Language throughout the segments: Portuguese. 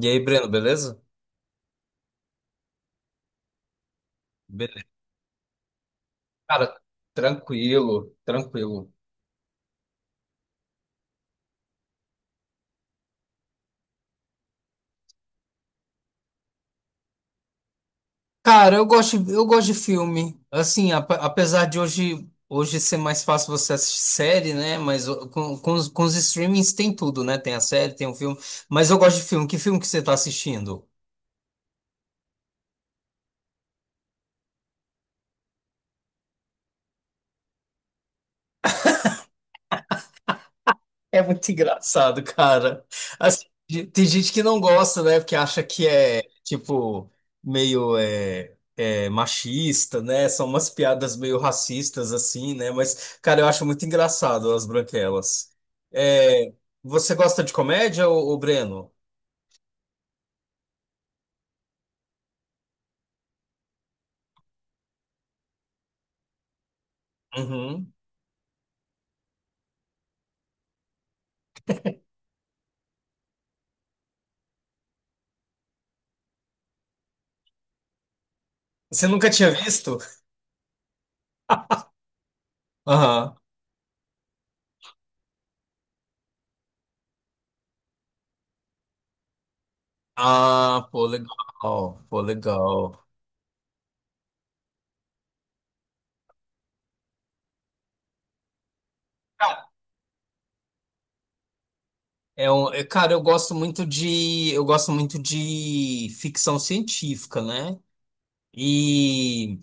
E aí, Breno, beleza? Beleza. Cara, tranquilo, tranquilo. Cara, eu gosto de filme. Assim, apesar de hoje ser mais fácil você assistir série, né? Mas com os streamings tem tudo, né? Tem a série, tem o filme. Mas eu gosto de filme. Que filme que você tá assistindo? É muito engraçado, cara. Assim, tem gente que não gosta, né? Porque acha que é, tipo, meio machista, né? São umas piadas meio racistas, assim, né? Mas, cara, eu acho muito engraçado as branquelas. É, você gosta de comédia, ô Breno? Uhum. Você nunca tinha visto? Aham. Ah, pô, legal. Pô, legal. Cara, eu gosto muito de ficção científica, né? E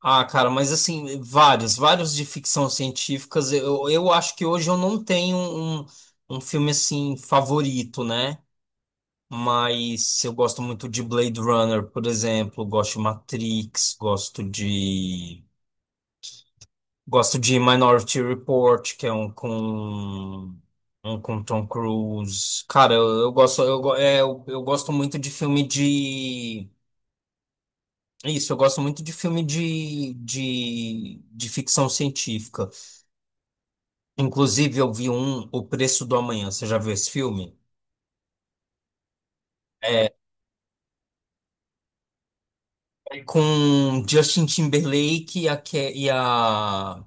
Cara, mas assim, vários de ficção científicas. Eu acho que hoje eu não tenho um filme assim favorito, né? Mas eu gosto muito de Blade Runner, por exemplo, gosto de Matrix, gosto de Minority Report, que é um com Tom Cruise. Cara, eu gosto muito de filme de. É isso, eu gosto muito de filme de ficção científica. Inclusive, eu vi O Preço do Amanhã. Você já viu esse filme? É, é com Justin Timberlake e a, Ke- e a-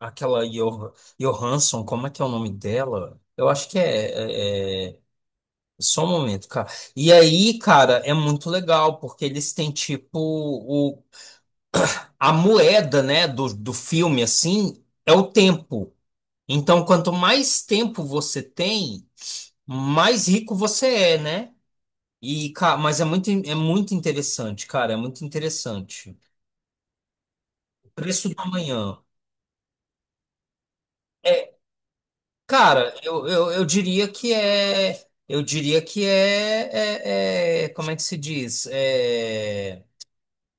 aquela Johansson, como é que é o nome dela? Eu acho que é- é- Só um momento, cara. E aí, cara, é muito legal, porque eles têm tipo a moeda, né, do filme, assim, é o tempo. Então, quanto mais tempo você tem, mais rico você é, né? E, cara, mas é muito interessante, cara, é muito interessante. Preço do Amanhã. É, cara, eu diria que é. Eu diria que é, como é que se diz? É,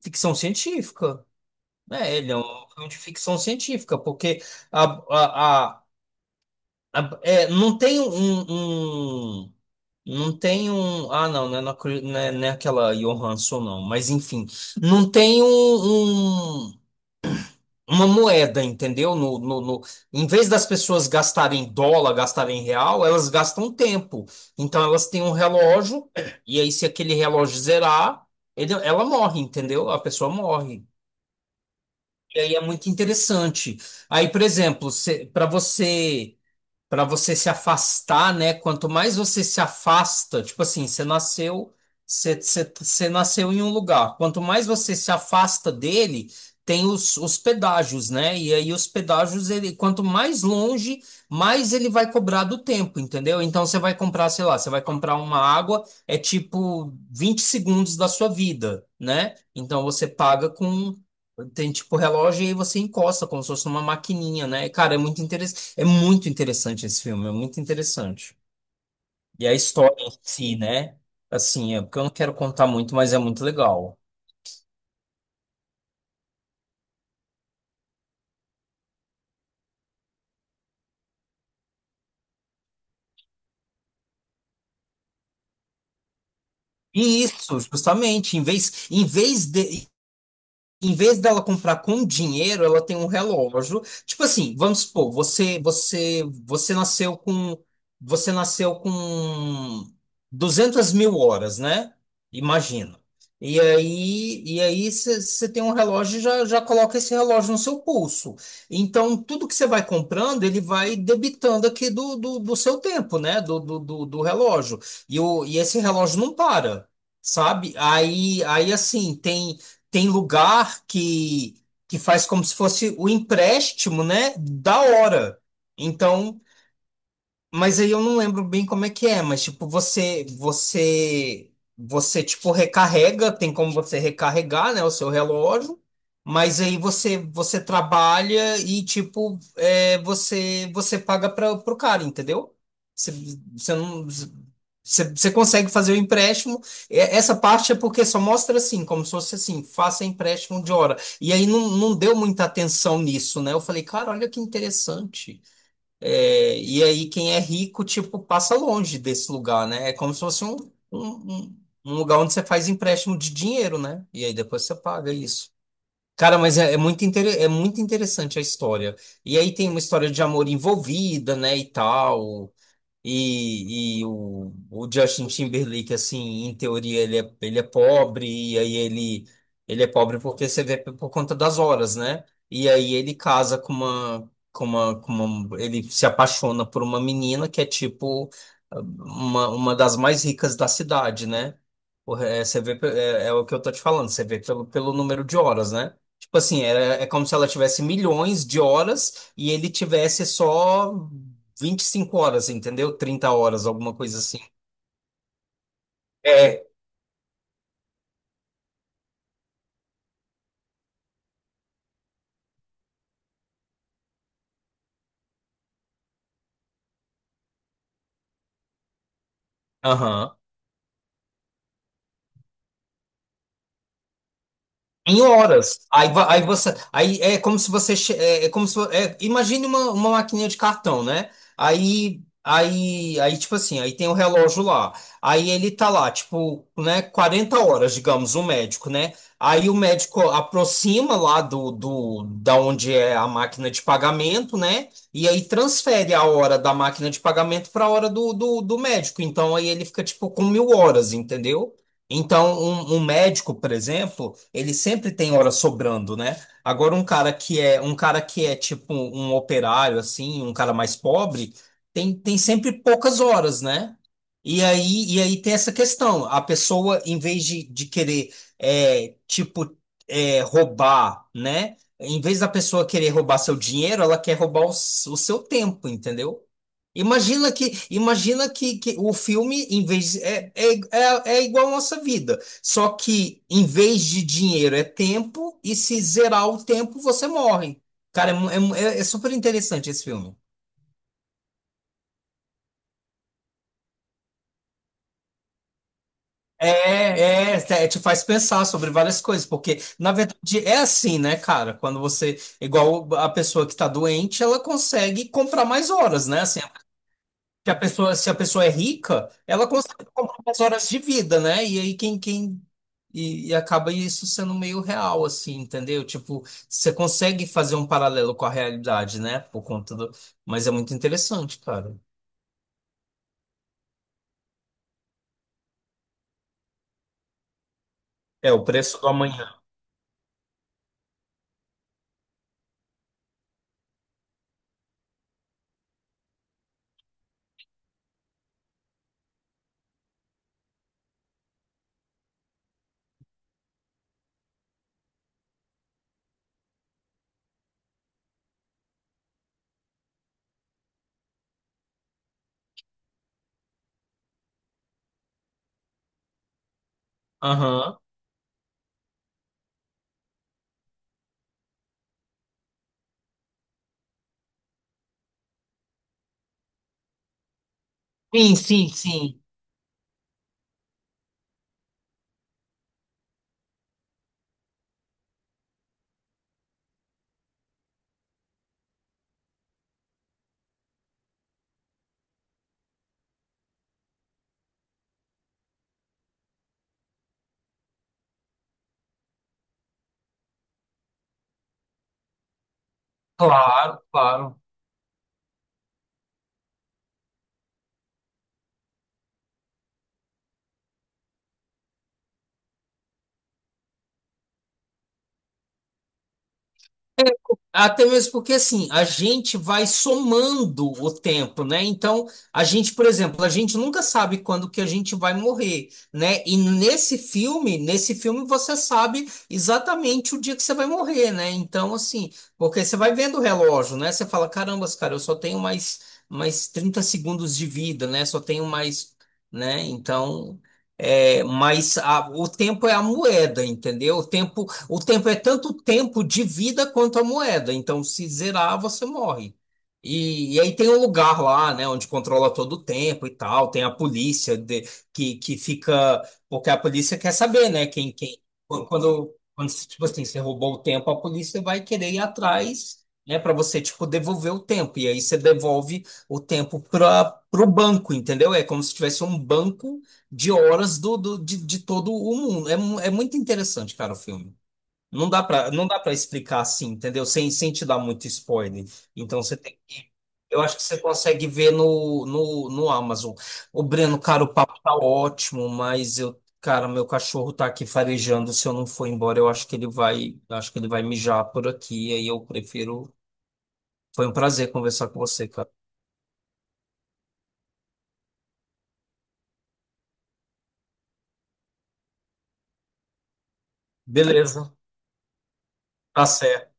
ficção científica. É, ele é um filme de ficção científica, porque a, a, a, não tem um- não tem um. Ah, não, não é, na Cru- não é, não é aquela Johansson, não. Mas, enfim, não tem um- uma moeda, entendeu? Em vez das pessoas gastarem dólar, gastarem real, elas gastam tempo. Então, elas têm um relógio, e aí, se aquele relógio zerar, ela morre, entendeu? A pessoa morre. E aí é muito interessante. Aí, por exemplo, para você para você se afastar, né? Quanto mais você se afasta, tipo assim, você nasceu em um lugar. Quanto mais você se afasta dele, tem os pedágios, né? E aí os pedágios, ele, quanto mais longe, mais ele vai cobrar do tempo, entendeu? Então você vai comprar, sei lá, você vai comprar uma água, é tipo 20 segundos da sua vida, né? Então você paga com. Tem tipo relógio e aí você encosta como se fosse uma maquininha, né? Cara, é muito interessante esse filme, é muito interessante. E a história em si, né? Assim, é porque eu não quero contar muito, mas é muito legal. E isso, justamente, em vez dela comprar com dinheiro, ela tem um relógio. Tipo assim, vamos supor, você nasceu com 200 mil horas, né? Imagina. E aí você tem um relógio e já já coloca esse relógio no seu pulso. Então tudo que você vai comprando, ele vai debitando aqui do seu tempo, né? Do relógio. E esse relógio não para. Sabe? Aí assim, tem lugar que faz como se fosse o empréstimo, né? Da hora. Então mas aí eu não lembro bem como é que é, mas tipo, você tipo recarrega, tem como você recarregar, né, o seu relógio, mas aí você trabalha e tipo, você paga para pro cara, entendeu? Você, você não, você consegue fazer o empréstimo. E essa parte é porque só mostra assim, como se fosse assim, faça empréstimo de hora. E aí não deu muita atenção nisso, né? Eu falei, cara, olha que interessante. É, e aí quem é rico, tipo, passa longe desse lugar, né? É como se fosse um, um- um lugar onde você faz empréstimo de dinheiro, né? E aí depois você paga isso. Cara, mas é muito interessante a história. E aí tem uma história de amor envolvida, né, e tal. E o Justin Timberlake, assim, em teoria, ele é pobre, e aí ele é pobre porque você vê por conta das horas, né? E aí ele casa ele se apaixona por uma menina que é tipo uma das mais ricas da cidade, né? O re- é, Você vê, pe- é, é o que eu tô te falando, você vê pelo número de horas, né? Tipo assim, é como se ela tivesse milhões de horas e ele tivesse só 25 horas, entendeu? 30 horas, alguma coisa assim. É, aham. Em horas. Aí você, aí é como se você, che- é, é como se, imagine uma maquininha de cartão, né? Aí tipo assim, aí tem o relógio lá. Aí ele tá lá, tipo, né, 40 horas, digamos, o médico, né? Aí o médico aproxima lá do, do da onde é a máquina de pagamento, né? E aí transfere a hora da máquina de pagamento para a hora do médico. Então aí ele fica tipo com mil horas, entendeu? Então, um médico, por exemplo, ele sempre tem hora sobrando, né? Agora, um cara que é tipo um operário, assim, um cara mais pobre, tem sempre poucas horas, né? E aí tem essa questão. A pessoa, em vez de querer, tipo, roubar, né? Em vez da pessoa querer roubar seu dinheiro, ela quer roubar o seu tempo, entendeu? Imagina que o filme, em vez de- é, é, é, é igual à nossa vida. Só que em vez de dinheiro é tempo, e se zerar o tempo, você morre. Cara, é super interessante esse filme. Te faz pensar sobre várias coisas, porque na verdade é assim, né, cara? Quando você, igual a pessoa que tá doente, ela consegue comprar mais horas, né? Assim, que a pessoa, se a pessoa é rica, ela consegue comprar umas horas de vida, né? E aí quem, quem e acaba isso sendo meio real, assim, entendeu? Tipo, você consegue fazer um paralelo com a realidade, né? Por conta do. Mas é muito interessante, cara. É o Preço do Amanhã. Aham. Sim, sim, sim. Claro, claro. É, Até mesmo porque assim, a gente vai somando o tempo, né? Então, a gente, por exemplo, a gente nunca sabe quando que a gente vai morrer, né? E nesse filme você sabe exatamente o dia que você vai morrer, né? Então, assim, porque você vai vendo o relógio, né? Você fala, caramba cara, eu só tenho mais 30 segundos de vida, né? Só tenho mais, né? Então, o tempo é a moeda, entendeu? O tempo é tanto tempo de vida quanto a moeda. Então, se zerar, você morre. E aí tem um lugar lá, né, onde controla todo o tempo e tal. Tem a polícia que fica, porque a polícia quer saber, né, quando, tipo assim, você roubou o tempo, a polícia vai querer ir atrás, né, para você, tipo, devolver o tempo. E aí você devolve o tempo para o banco, entendeu? É como se tivesse um banco de horas de todo o mundo. É muito interessante, cara, o filme. Não dá para explicar assim, entendeu? Sem te dar muito spoiler. Então eu acho que você consegue ver no Amazon. O Breno, cara, o papo tá ótimo, mas eu, cara, meu cachorro tá aqui farejando. Se eu não for embora, eu acho que ele vai mijar por aqui. Aí eu prefiro. Foi um prazer conversar com você, cara. Beleza, tá certo.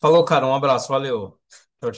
Falou, cara, um abraço, valeu. Tchau, tchau.